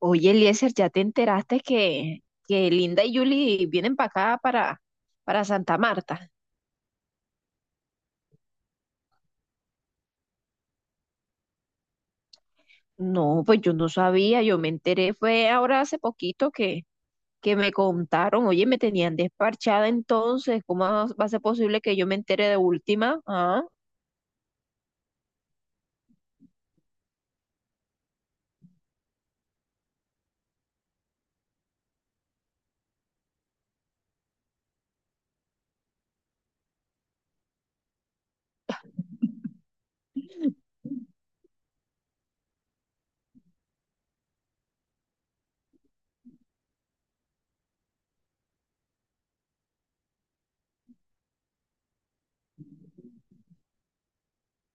Oye, Eliezer, ¿ya te enteraste que Linda y Julie vienen acá, para, para Santa Marta? No, pues yo no sabía, yo me enteré, fue ahora hace poquito que me contaron, oye, me tenían desparchada entonces, ¿cómo va a ser posible que yo me entere de última? Ah,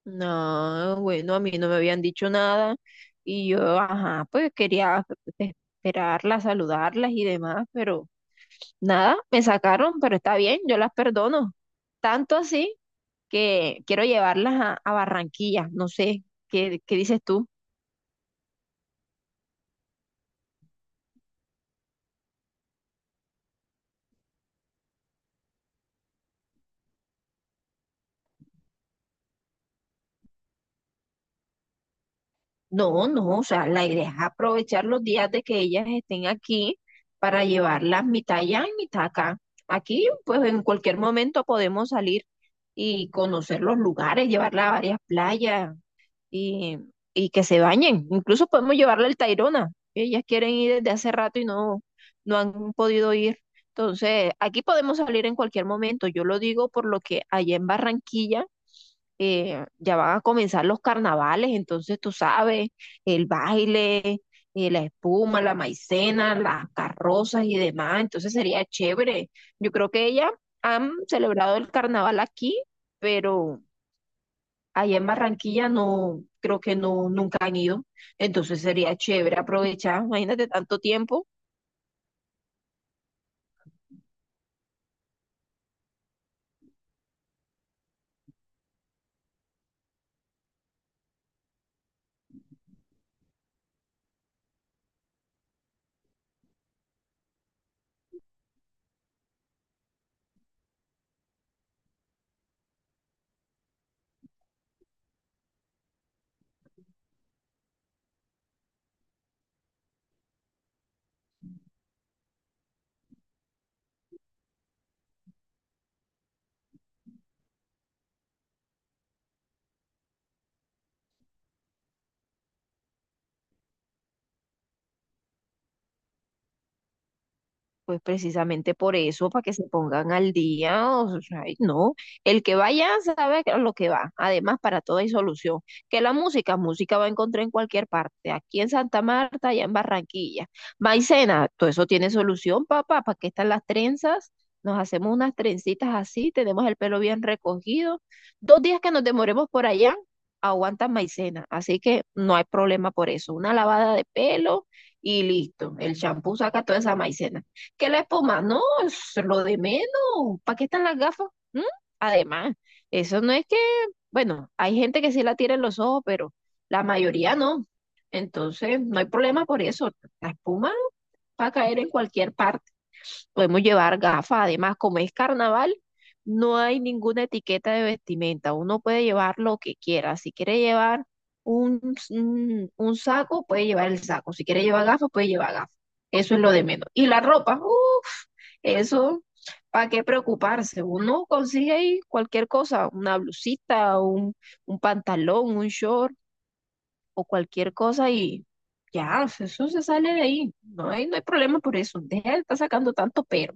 no, bueno, a mí no me habían dicho nada y yo, ajá, pues quería esperarlas, saludarlas y demás, pero nada, me sacaron, pero está bien, yo las perdono. Tanto así que quiero llevarlas a Barranquilla, no sé, ¿qué dices tú? No, no, o sea, la idea es aprovechar los días de que ellas estén aquí para llevarlas mitad allá y mitad acá. Aquí, pues en cualquier momento podemos salir y conocer los lugares, llevarlas a varias playas, y, y que se bañen. Incluso podemos llevarle el Tayrona. Ellas quieren ir desde hace rato y no han podido ir. Entonces, aquí podemos salir en cualquier momento. Yo lo digo por lo que allá en Barranquilla ya van a comenzar los carnavales, entonces tú sabes, el baile, la espuma, la maicena, las carrozas y demás. Entonces sería chévere. Yo creo que ellas han celebrado el carnaval aquí, pero ahí en Barranquilla no, creo que no, nunca han ido. Entonces sería chévere aprovechar, imagínate tanto tiempo. Pues precisamente por eso, para que se pongan al día, o sea, ay, no, el que vaya sabe a lo que va. Además, para todo hay solución. Que la música, música va a encontrar en cualquier parte, aquí en Santa Marta, allá en Barranquilla. Maicena, todo eso tiene solución, papá, ¿para qué están las trenzas? Nos hacemos unas trencitas así, tenemos el pelo bien recogido. Dos días que nos demoremos por allá, aguantan maicena, así que no hay problema por eso. Una lavada de pelo y listo, el champú saca toda esa maicena, que la espuma, no, es lo de menos. ¿Para qué están las gafas? ¿Mm? Además, eso no es que, bueno, hay gente que sí la tira en los ojos, pero la mayoría no. Entonces, no hay problema por eso. La espuma va a caer en cualquier parte. Podemos llevar gafas, además, como es carnaval, no hay ninguna etiqueta de vestimenta, uno puede llevar lo que quiera, si quiere llevar un saco, puede llevar el saco, si quiere llevar gafas, puede llevar gafas, eso es lo de menos. Y la ropa, uff, eso, ¿para qué preocuparse? Uno consigue ahí cualquier cosa, una blusita, un pantalón, un short o cualquier cosa y ya, eso se sale de ahí, no hay problema por eso, deja de estar sacando tanto pero.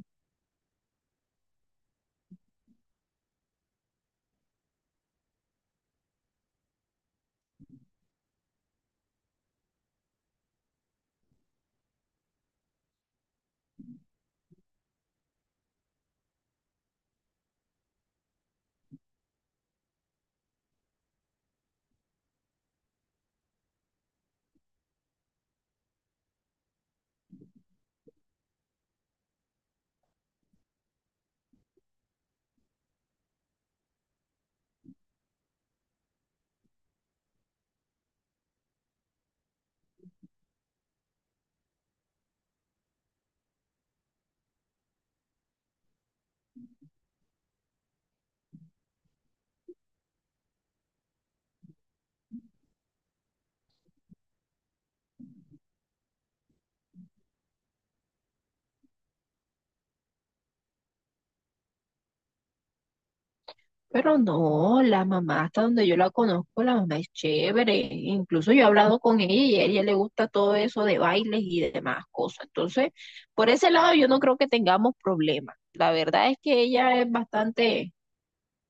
Pero no, la mamá, hasta donde yo la conozco, la mamá es chévere. Incluso yo he hablado con ella y a ella le gusta todo eso de bailes y demás cosas. Entonces, por ese lado yo no creo que tengamos problemas. La verdad es que ella es bastante,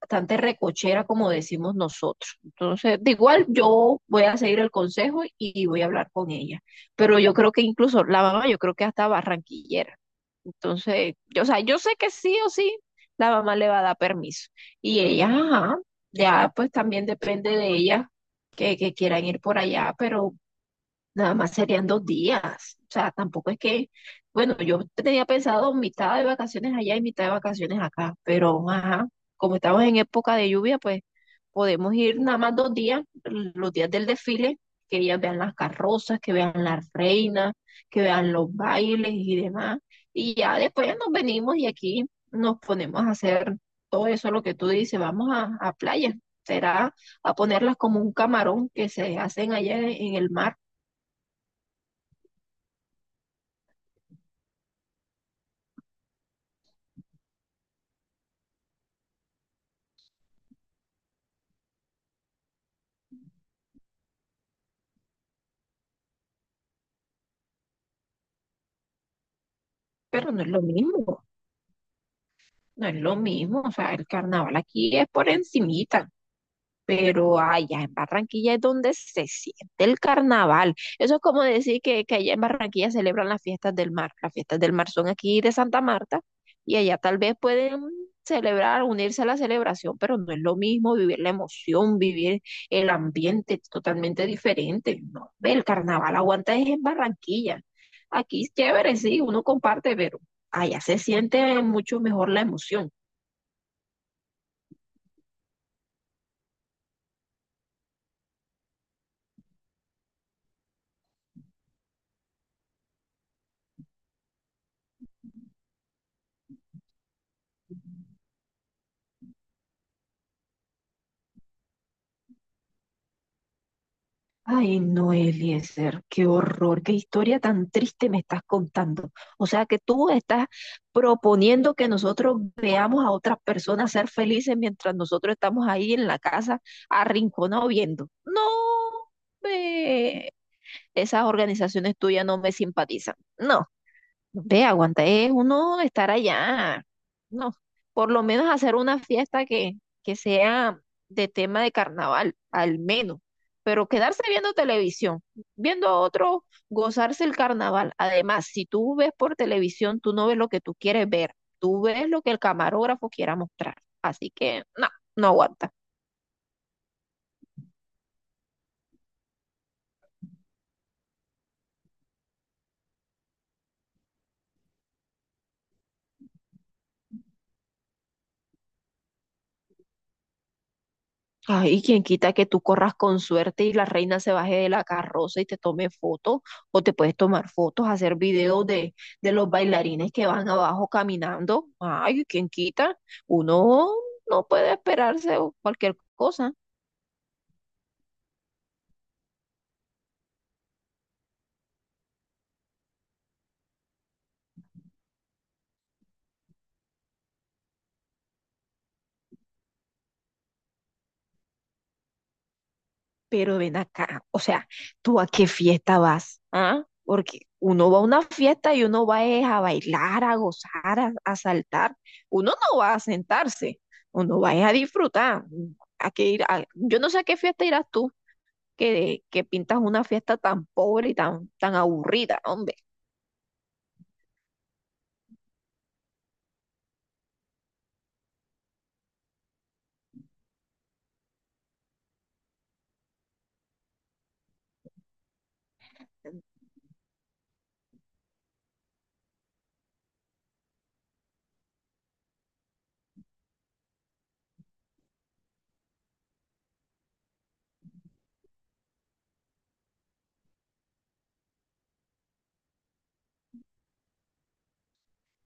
bastante recochera, como decimos nosotros. Entonces, de igual yo voy a seguir el consejo y voy a hablar con ella. Pero yo creo que incluso la mamá, yo creo que hasta barranquillera. Entonces, yo, o sea, yo sé que sí o sí la mamá le va a dar permiso. Y ella, ajá, ya pues también depende de ella que quieran ir por allá, pero nada más serían dos días. O sea, tampoco es que, bueno, yo tenía pensado mitad de vacaciones allá y mitad de vacaciones acá, pero ajá, como estamos en época de lluvia, pues podemos ir nada más dos días, los días del desfile, que ellas vean las carrozas, que vean las reinas, que vean los bailes y demás. Y ya después nos venimos y aquí nos ponemos a hacer todo eso, lo que tú dices, vamos a playa. Será a ponerlas como un camarón que se hacen allá en el mar, pero no es lo mismo, no es lo mismo. O sea, el carnaval aquí es por encimita. Pero allá en Barranquilla es donde se siente el carnaval. Eso es como decir que allá en Barranquilla celebran las fiestas del mar. Las fiestas del mar son aquí de Santa Marta y allá tal vez pueden celebrar, unirse a la celebración, pero no es lo mismo vivir la emoción, vivir el ambiente es totalmente diferente. No, ve, el carnaval aguanta es en Barranquilla. Aquí es chévere, sí, uno comparte, pero allá se siente mucho mejor la emoción. Ay, no, Eliezer, qué horror, qué historia tan triste me estás contando. O sea que tú estás proponiendo que nosotros veamos a otras personas ser felices mientras nosotros estamos ahí en la casa arrinconados viendo. No, ve, esas organizaciones tuyas no me simpatizan. No. Ve, aguanta, es uno estar allá. No, por lo menos hacer una fiesta que sea de tema de carnaval, al menos. Pero quedarse viendo televisión, viendo a otro gozarse el carnaval. Además, si tú ves por televisión, tú no ves lo que tú quieres ver, tú ves lo que el camarógrafo quiera mostrar. Así que, no, no aguanta. Ay, quién quita que tú corras con suerte y la reina se baje de la carroza y te tome fotos, o te puedes tomar fotos, hacer videos de los bailarines que van abajo caminando. Ay, quién quita. Uno no puede esperarse o cualquier cosa. Pero ven acá, o sea, ¿tú a qué fiesta vas? ¿Ah? Porque uno va a una fiesta y uno va es a bailar, a gozar, a saltar. Uno no va a sentarse, uno va es a disfrutar. ¿A qué ir? A- Yo no sé a qué fiesta irás tú, que pintas una fiesta tan pobre y tan, tan aburrida, hombre.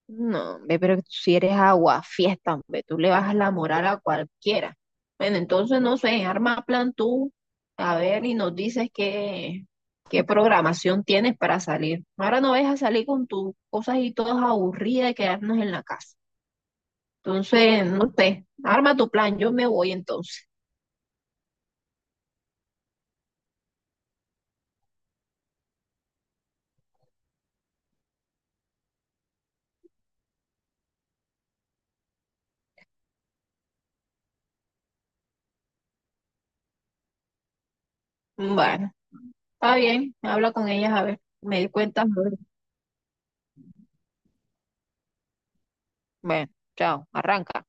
No, hombre, pero si eres agua, fiesta, hombre, tú le bajas la moral a cualquiera. Bueno, entonces no sé, arma plan tú, a ver, y nos dices qué, qué programación tienes para salir. Ahora no vas a salir con tus cosas y todas aburridas y quedarnos en la casa. Entonces, no sé, arma tu plan, yo me voy entonces. Bueno, está bien, habla con ellas, a ver, me cuentas. Bueno, chao, arranca.